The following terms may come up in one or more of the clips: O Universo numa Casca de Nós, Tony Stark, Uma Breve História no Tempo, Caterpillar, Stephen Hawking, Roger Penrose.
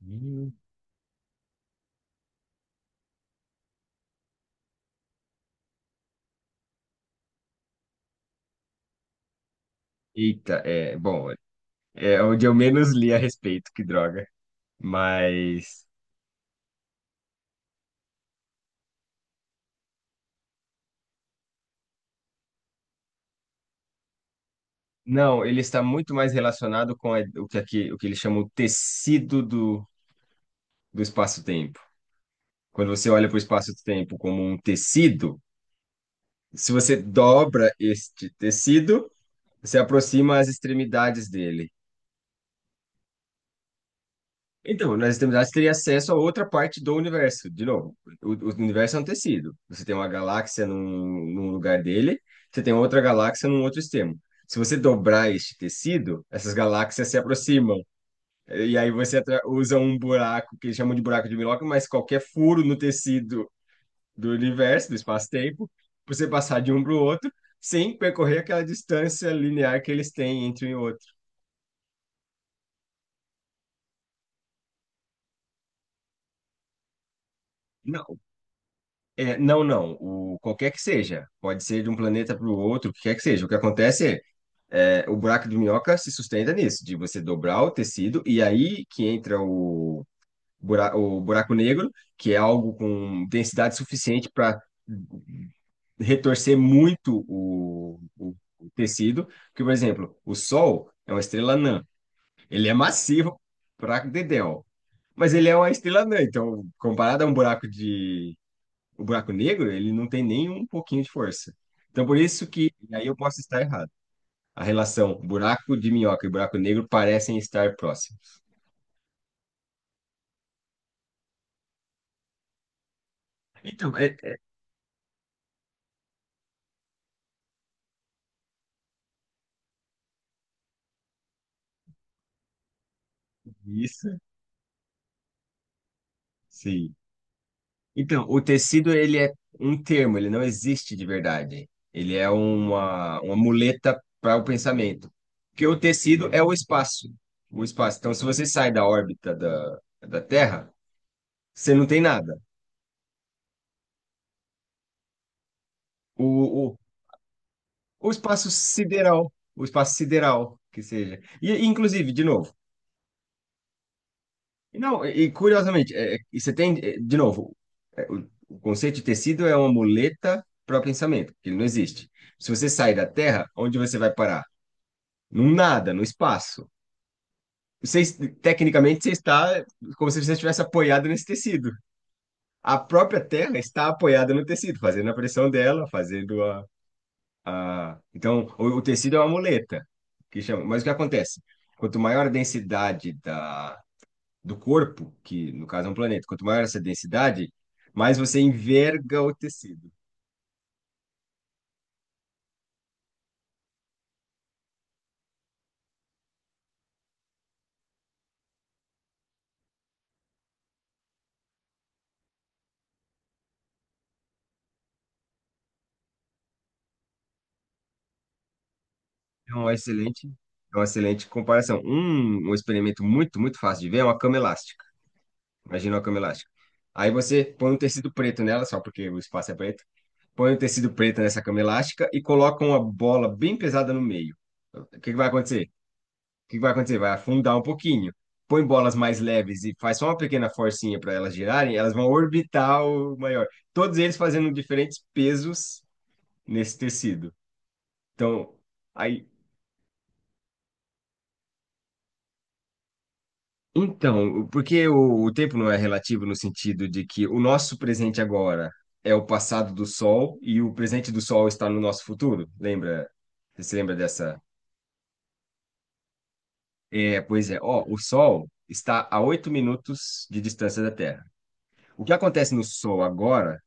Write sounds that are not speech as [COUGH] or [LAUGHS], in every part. Hum. Eita, é, bom, é onde eu menos li a respeito, que droga. Mas, não, ele está muito mais relacionado com o que aqui, o que eles chamam o tecido do espaço-tempo. Quando você olha para o espaço-tempo como um tecido, se você dobra este tecido, você aproxima as extremidades dele. Então, nas extremidades teria acesso a outra parte do universo. De novo, o universo é um tecido. Você tem uma galáxia num lugar dele, você tem outra galáxia num outro extremo. Se você dobrar este tecido, essas galáxias se aproximam. E aí você usa um buraco, que eles chamam de buraco de Milwaukee, mas qualquer furo no tecido do universo, do espaço-tempo, pra você passar de um para o outro, sem percorrer aquela distância linear que eles têm entre um e outro. Não. Qualquer que seja. Pode ser de um planeta para o outro, o que quer que seja. O que acontece é o buraco de minhoca se sustenta nisso, de você dobrar o tecido e aí que entra o o buraco negro, que é algo com densidade suficiente para retorcer muito o tecido. Porque, por exemplo, o Sol é uma estrela anã. Ele é massivo para Dedéu. Mas ele é uma estrela anã, então, comparado a um o buraco negro, ele não tem nem um pouquinho de força. Então, por isso que, e aí eu posso estar errado. A relação buraco de minhoca e buraco negro parecem estar próximos. Então, isso, sim. Então, o tecido, ele é um termo, ele não existe de verdade. Ele é uma muleta para o pensamento. Porque o tecido é o espaço. O espaço. Então, se você sai da órbita da Terra, você não tem nada. O, O espaço sideral, o espaço sideral, que seja. Inclusive, de novo, e não, e, curiosamente, é, é, e você tem, de novo, o conceito de tecido é uma muleta para o pensamento, que ele não existe. Se você sai da Terra, onde você vai parar? Num nada, no espaço. Tecnicamente, você está como se você estivesse apoiado nesse tecido. A própria Terra está apoiada no tecido, fazendo a pressão dela, fazendo a, ah, então, o tecido é uma muleta, que chama. Mas o que acontece? Quanto maior a densidade do corpo, que no caso é um planeta, quanto maior essa densidade, mais você enverga o tecido. É uma excelente, é uma excelente comparação. Um experimento muito fácil de ver é uma cama elástica. Imagina uma cama elástica. Aí você põe um tecido preto nela, só porque o espaço é preto. Põe um tecido preto nessa cama elástica e coloca uma bola bem pesada no meio. O que que vai acontecer? O que vai acontecer? Vai afundar um pouquinho. Põe bolas mais leves e faz só uma pequena forcinha para elas girarem, elas vão orbitar o maior. Todos eles fazendo diferentes pesos nesse tecido. Então, aí. Então, porque o tempo não é relativo no sentido de que o nosso presente agora é o passado do Sol e o presente do Sol está no nosso futuro. Lembra? Você se lembra dessa? É, pois é. Ó, o Sol está a 8 minutos de distância da Terra. O que acontece no Sol agora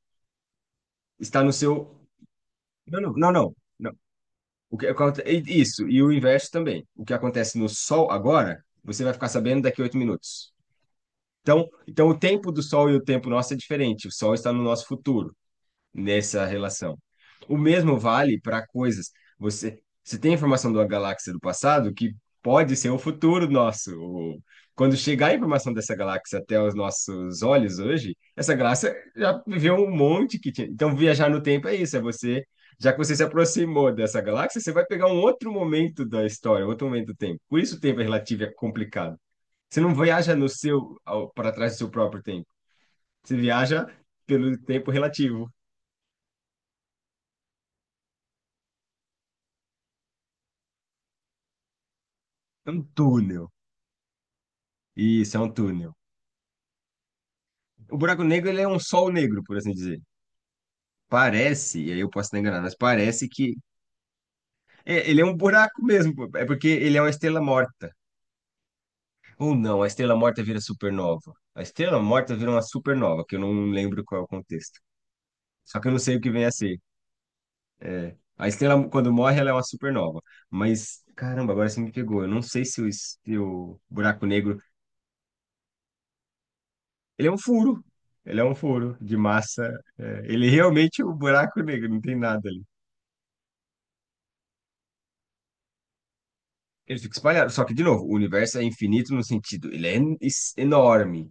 está no seu. Não. O que isso, e o inverso também. O que acontece no Sol agora, você vai ficar sabendo daqui a oito minutos. Então, o tempo do Sol e o tempo nosso é diferente. O Sol está no nosso futuro nessa relação. O mesmo vale para coisas. Você tem informação de uma galáxia do passado que pode ser o futuro nosso. Quando chegar a informação dessa galáxia até os nossos olhos hoje, essa galáxia já viveu um monte que tinha. Então, viajar no tempo é isso, é você. Já que você se aproximou dessa galáxia, você vai pegar um outro momento da história, outro momento do tempo. Por isso o tempo é relativo e é complicado. Você não viaja no seu, ao- Para trás do seu próprio tempo. Você viaja pelo tempo relativo. É um túnel. Isso, é um túnel. O buraco negro, ele é um sol negro, por assim dizer. Parece, e aí eu posso estar enganado, mas parece que ele é um buraco mesmo, pô. É porque ele é uma estrela morta. Ou não, a estrela morta vira supernova. A estrela morta vira uma supernova, que eu não lembro qual é o contexto. Só que eu não sei o que vem a ser. A estrela, quando morre, ela é uma supernova. Mas, caramba, agora você me pegou. Eu não sei se o buraco negro. Ele é um furo. Ele é um furo de massa. Ele realmente é um buraco negro, não tem nada ali. Ele fica espalhado. Só que, de novo, o universo é infinito no sentido, ele é enorme.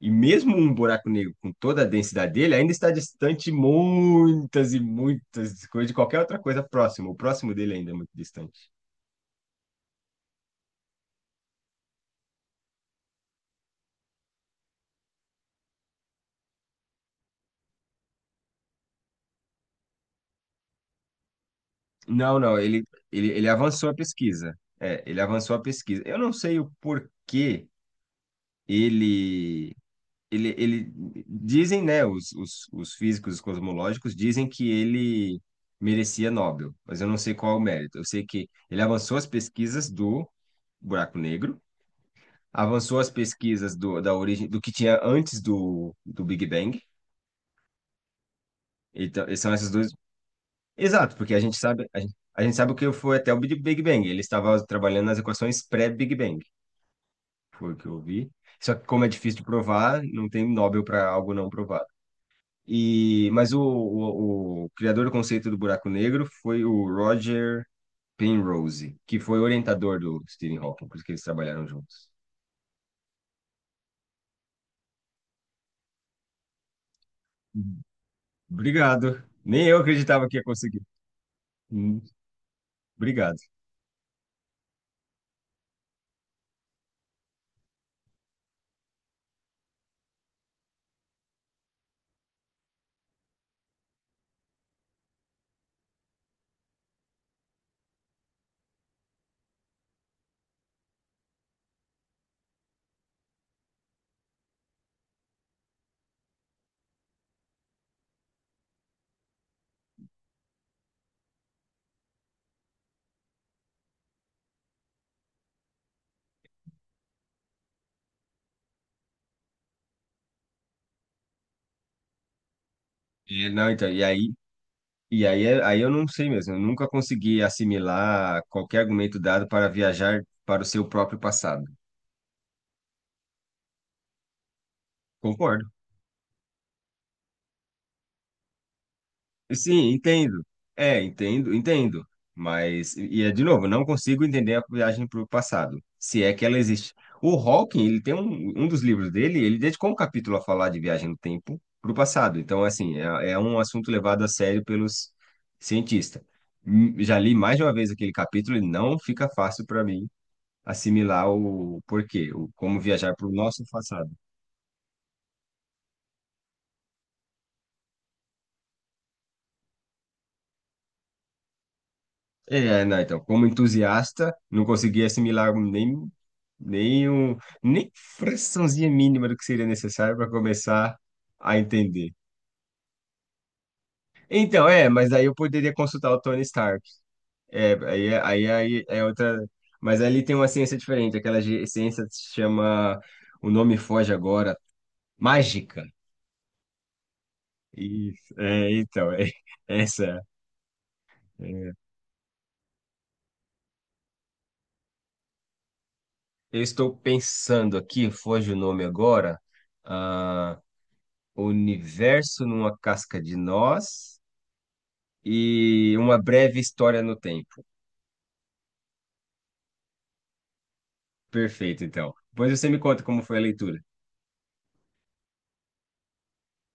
E mesmo um buraco negro com toda a densidade dele, ainda está distante muitas e muitas coisas de qualquer outra coisa próxima. O próximo dele ainda é muito distante. Não, ele avançou a pesquisa. É, ele avançou a pesquisa. Eu não sei o porquê ele ele, dizem, né, os físicos os cosmológicos dizem que ele merecia Nobel, mas eu não sei qual é o mérito. Eu sei que ele avançou as pesquisas do buraco negro, avançou as pesquisas da origem do que tinha antes do Big Bang. Então, e são esses dois. Exato, porque a gente sabe o que foi até o Big Bang. Ele estava trabalhando nas equações pré-Big Bang, foi o que eu vi. Só que como é difícil de provar, não tem Nobel para algo não provado. E, mas o criador do conceito do buraco negro foi o Roger Penrose, que foi orientador do Stephen Hawking, por isso que eles trabalharam juntos. Obrigado. Nem eu acreditava que ia conseguir. Hum. Obrigado. E não, então, aí eu não sei mesmo. Eu nunca consegui assimilar qualquer argumento dado para viajar para o seu próprio passado. Concordo. Sim, entendo. Entendo, entendo. Mas, e é de novo, não consigo entender a viagem para o passado, se é que ela existe. O Hawking, ele tem um dos livros dele, ele dedicou um capítulo a falar de viagem no tempo para o passado. Então, assim, é um assunto levado a sério pelos cientistas. Hum. Já li mais de uma vez aquele capítulo e não fica fácil para mim assimilar o porquê, o como viajar para o nosso passado. Não, então, como entusiasta, não conseguia assimilar nem, um, nem fraçãozinha mínima do que seria necessário para começar a entender. Então, é, mas aí eu poderia consultar o Tony Stark. Aí é outra. Mas ali tem uma ciência diferente, aquela ciência que se chama. O nome foge agora, mágica. Isso, é, então, é, [LAUGHS] essa. É. Eu estou pensando aqui, foge o nome agora. Ah, O Universo numa Casca de Nós e Uma Breve História no Tempo. Perfeito, então. Depois você me conta como foi a leitura.